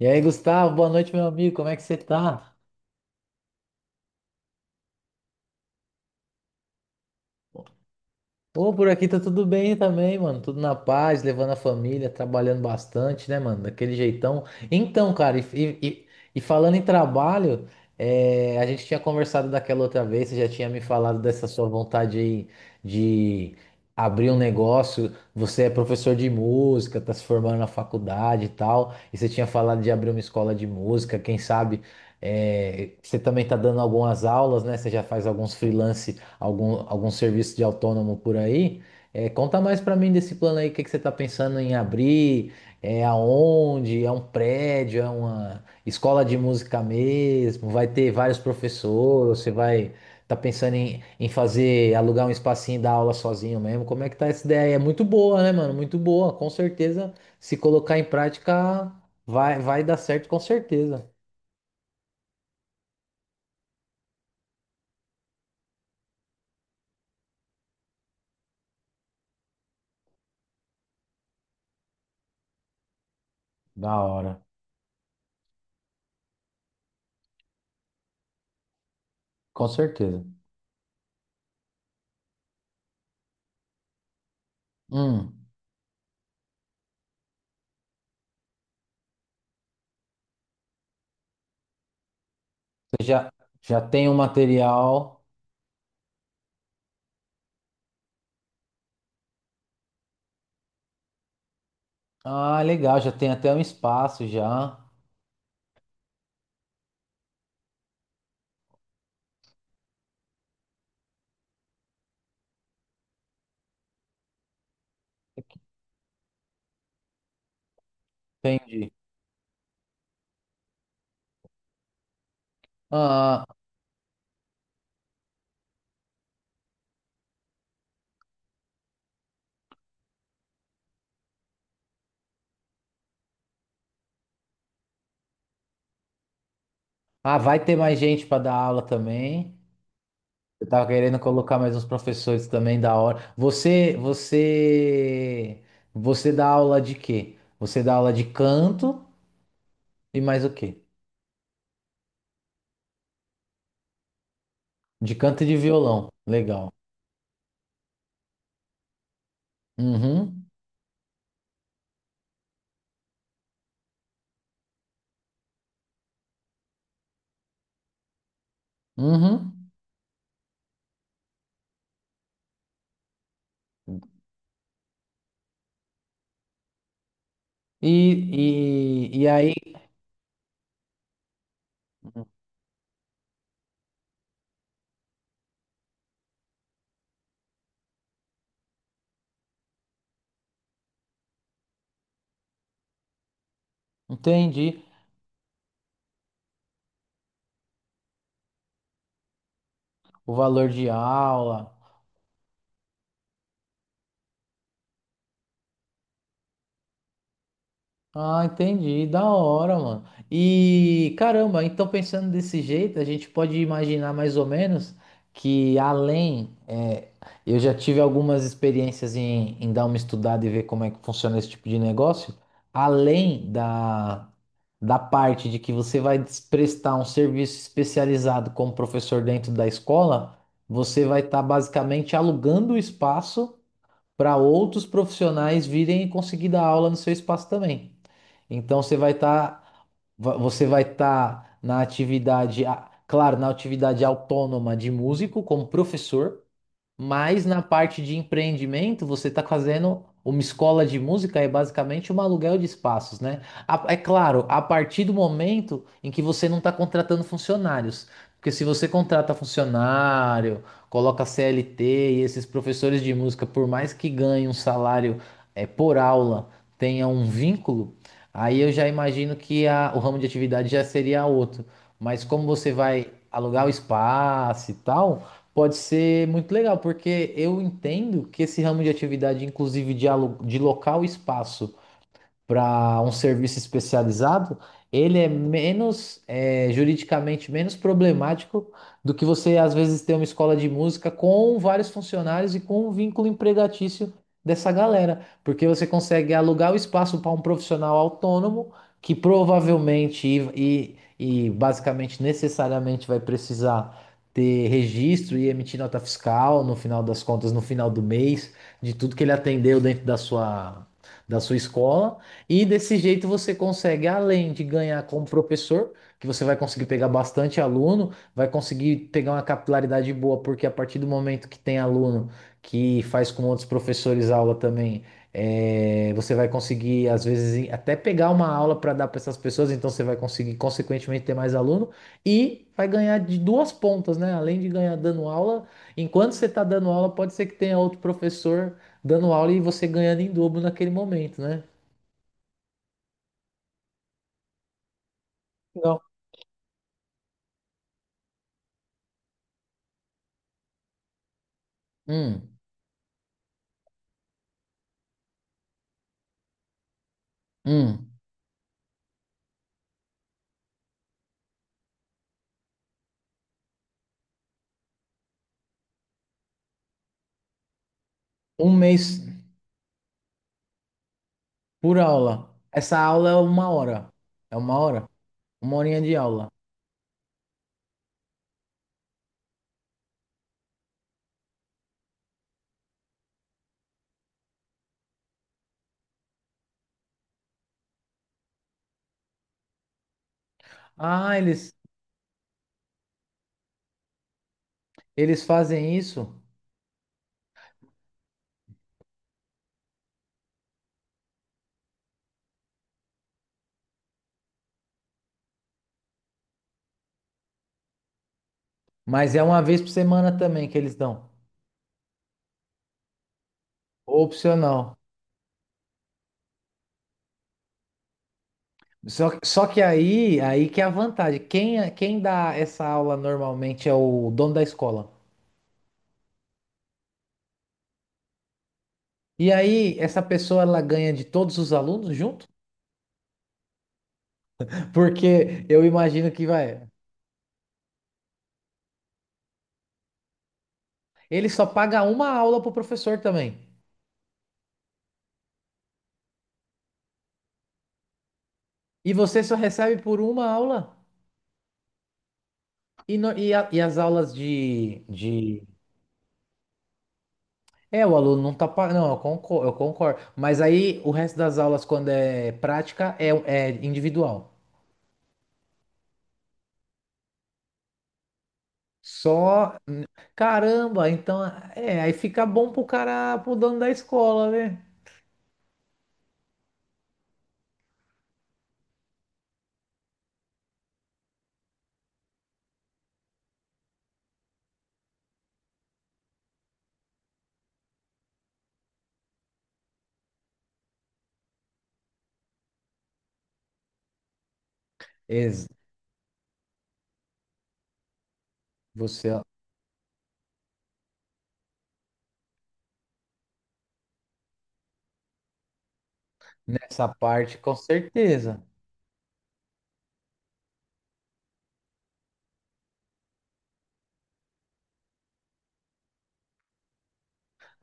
E aí, Gustavo, boa noite, meu amigo. Como é que você tá? Ô, por aqui tá tudo bem também, mano. Tudo na paz, levando a família, trabalhando bastante, né, mano? Daquele jeitão. Então, cara, e falando em trabalho, a gente tinha conversado daquela outra vez, você já tinha me falado dessa sua vontade aí de abrir um negócio. Você é professor de música, tá se formando na faculdade e tal, e você tinha falado de abrir uma escola de música, quem sabe. É, você também tá dando algumas aulas, né? Você já faz alguns freelance algum serviço de autônomo por aí. É, conta mais para mim desse plano aí, o que que você está pensando em abrir, é aonde, é um prédio, é uma escola de música mesmo, vai ter vários professores, você vai tá pensando em fazer, alugar um espacinho e dar aula sozinho mesmo. Como é que tá essa ideia? É muito boa, né, mano? Muito boa, com certeza, se colocar em prática, vai dar certo com certeza. Da hora, com certeza. Hum, você já, já tem o material. Ah, legal, já tem até um espaço já. Entendi. Ah, ah, vai ter mais gente para dar aula também. Eu tava querendo colocar mais uns professores também da hora. Você dá aula de quê? Você dá aula de canto e mais o quê? De canto e de violão. Legal. Uhum. Uhum. E aí, entendi o valor de aula. Ah, entendi, da hora, mano. E caramba, então pensando desse jeito, a gente pode imaginar mais ou menos que além, eu já tive algumas experiências em dar uma estudada e ver como é que funciona esse tipo de negócio. Além da, da parte de que você vai prestar um serviço especializado como professor dentro da escola, você vai estar basicamente alugando o espaço para outros profissionais virem e conseguir dar aula no seu espaço também. Então você vai estar na atividade, claro, na atividade autônoma de músico como professor, mas na parte de empreendimento, você está fazendo uma escola de música, é basicamente um aluguel de espaços, né? É claro, a partir do momento em que você não está contratando funcionários. Porque se você contrata funcionário, coloca CLT e esses professores de música, por mais que ganhem um salário por aula, tenha um vínculo, aí eu já imagino que o ramo de atividade já seria outro. Mas como você vai alugar o espaço e tal. Pode ser muito legal, porque eu entendo que esse ramo de atividade, inclusive de, de local e espaço, para um serviço especializado, ele é menos, é, juridicamente menos problemático do que você às vezes ter uma escola de música com vários funcionários e com um vínculo empregatício dessa galera, porque você consegue alugar o espaço para um profissional autônomo que provavelmente e basicamente necessariamente vai precisar ter registro e emitir nota fiscal no final das contas, no final do mês, de tudo que ele atendeu dentro da sua escola e desse jeito você consegue, além de ganhar como professor, que você vai conseguir pegar bastante aluno, vai conseguir pegar uma capilaridade boa, porque a partir do momento que tem aluno que faz com outros professores aula também, você vai conseguir, às vezes, até pegar uma aula para dar para essas pessoas, então você vai conseguir, consequentemente, ter mais aluno e vai ganhar de duas pontas, né? Além de ganhar dando aula, enquanto você está dando aula, pode ser que tenha outro professor dando aula e você ganhando em dobro naquele momento, né? Um, um, um mês por aula. Essa aula é uma hora. É uma hora? Uma horinha de aula. Ah, eles, eles fazem isso, mas é uma vez por semana também que eles dão. Opcional. Só que aí, aí que é a vantagem. Quem dá essa aula normalmente é o dono da escola. E aí, essa pessoa ela ganha de todos os alunos junto? Porque eu imagino que vai. Ele só paga uma aula pro professor também. E você só recebe por uma aula? E as aulas de... É, o aluno não tá... Não, eu concordo. Mas aí o resto das aulas, quando é prática, é individual. Só... Caramba, então... É, aí fica bom pro cara, pro dono da escola, né? Ex- Você, ó, nessa parte, com certeza.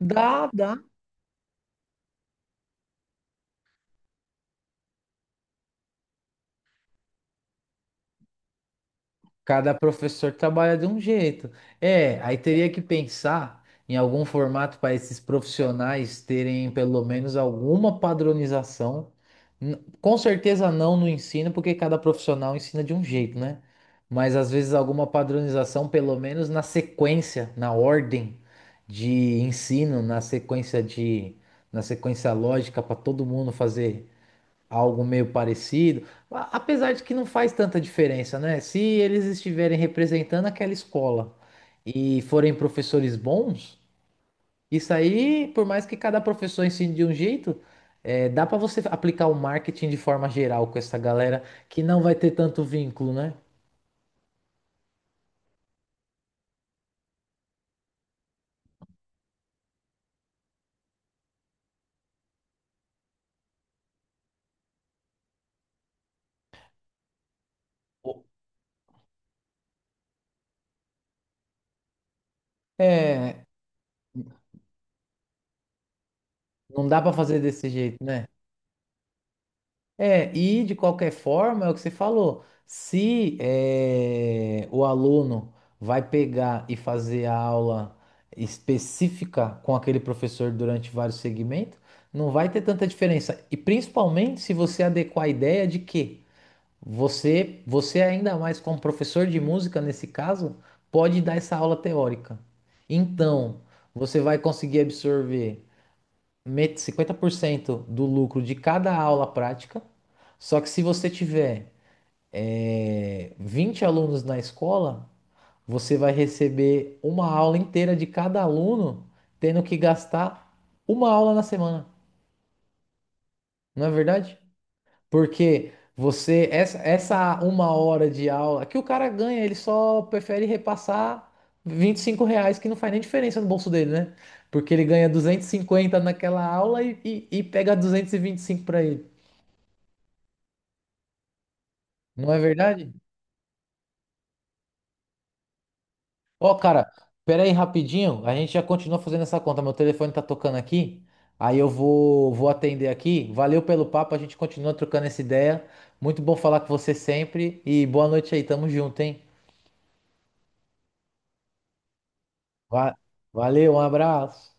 Dá, dá. Cada professor trabalha de um jeito. É, aí teria que pensar em algum formato para esses profissionais terem pelo menos alguma padronização. Com certeza não no ensino, porque cada profissional ensina de um jeito, né? Mas às vezes alguma padronização, pelo menos na sequência, na ordem de ensino, na sequência lógica para todo mundo fazer algo meio parecido, apesar de que não faz tanta diferença, né? Se eles estiverem representando aquela escola e forem professores bons, isso aí, por mais que cada professor ensine de um jeito, dá para você aplicar o marketing de forma geral com essa galera que não vai ter tanto vínculo, né? É, não dá para fazer desse jeito, né? É, e de qualquer forma, é o que você falou. Se o aluno vai pegar e fazer a aula específica com aquele professor durante vários segmentos, não vai ter tanta diferença. E principalmente se você adequar a ideia de que você ainda mais como professor de música nesse caso, pode dar essa aula teórica. Então, você vai conseguir absorver 50% do lucro de cada aula prática. Só que se você tiver 20 alunos na escola, você vai receber uma aula inteira de cada aluno, tendo que gastar uma aula na semana, não é verdade? Porque você, essa uma hora de aula que o cara ganha, ele só prefere repassar 25 reais, que não faz nem diferença no bolso dele, né? Porque ele ganha 250 naquela aula e pega 225 para ele. Não é verdade? Ó, cara, pera aí rapidinho. A gente já continua fazendo essa conta. Meu telefone tá tocando aqui. Aí vou atender aqui. Valeu pelo papo. A gente continua trocando essa ideia. Muito bom falar com você sempre. E boa noite aí. Tamo junto, hein? Va- Valeu, um abraço.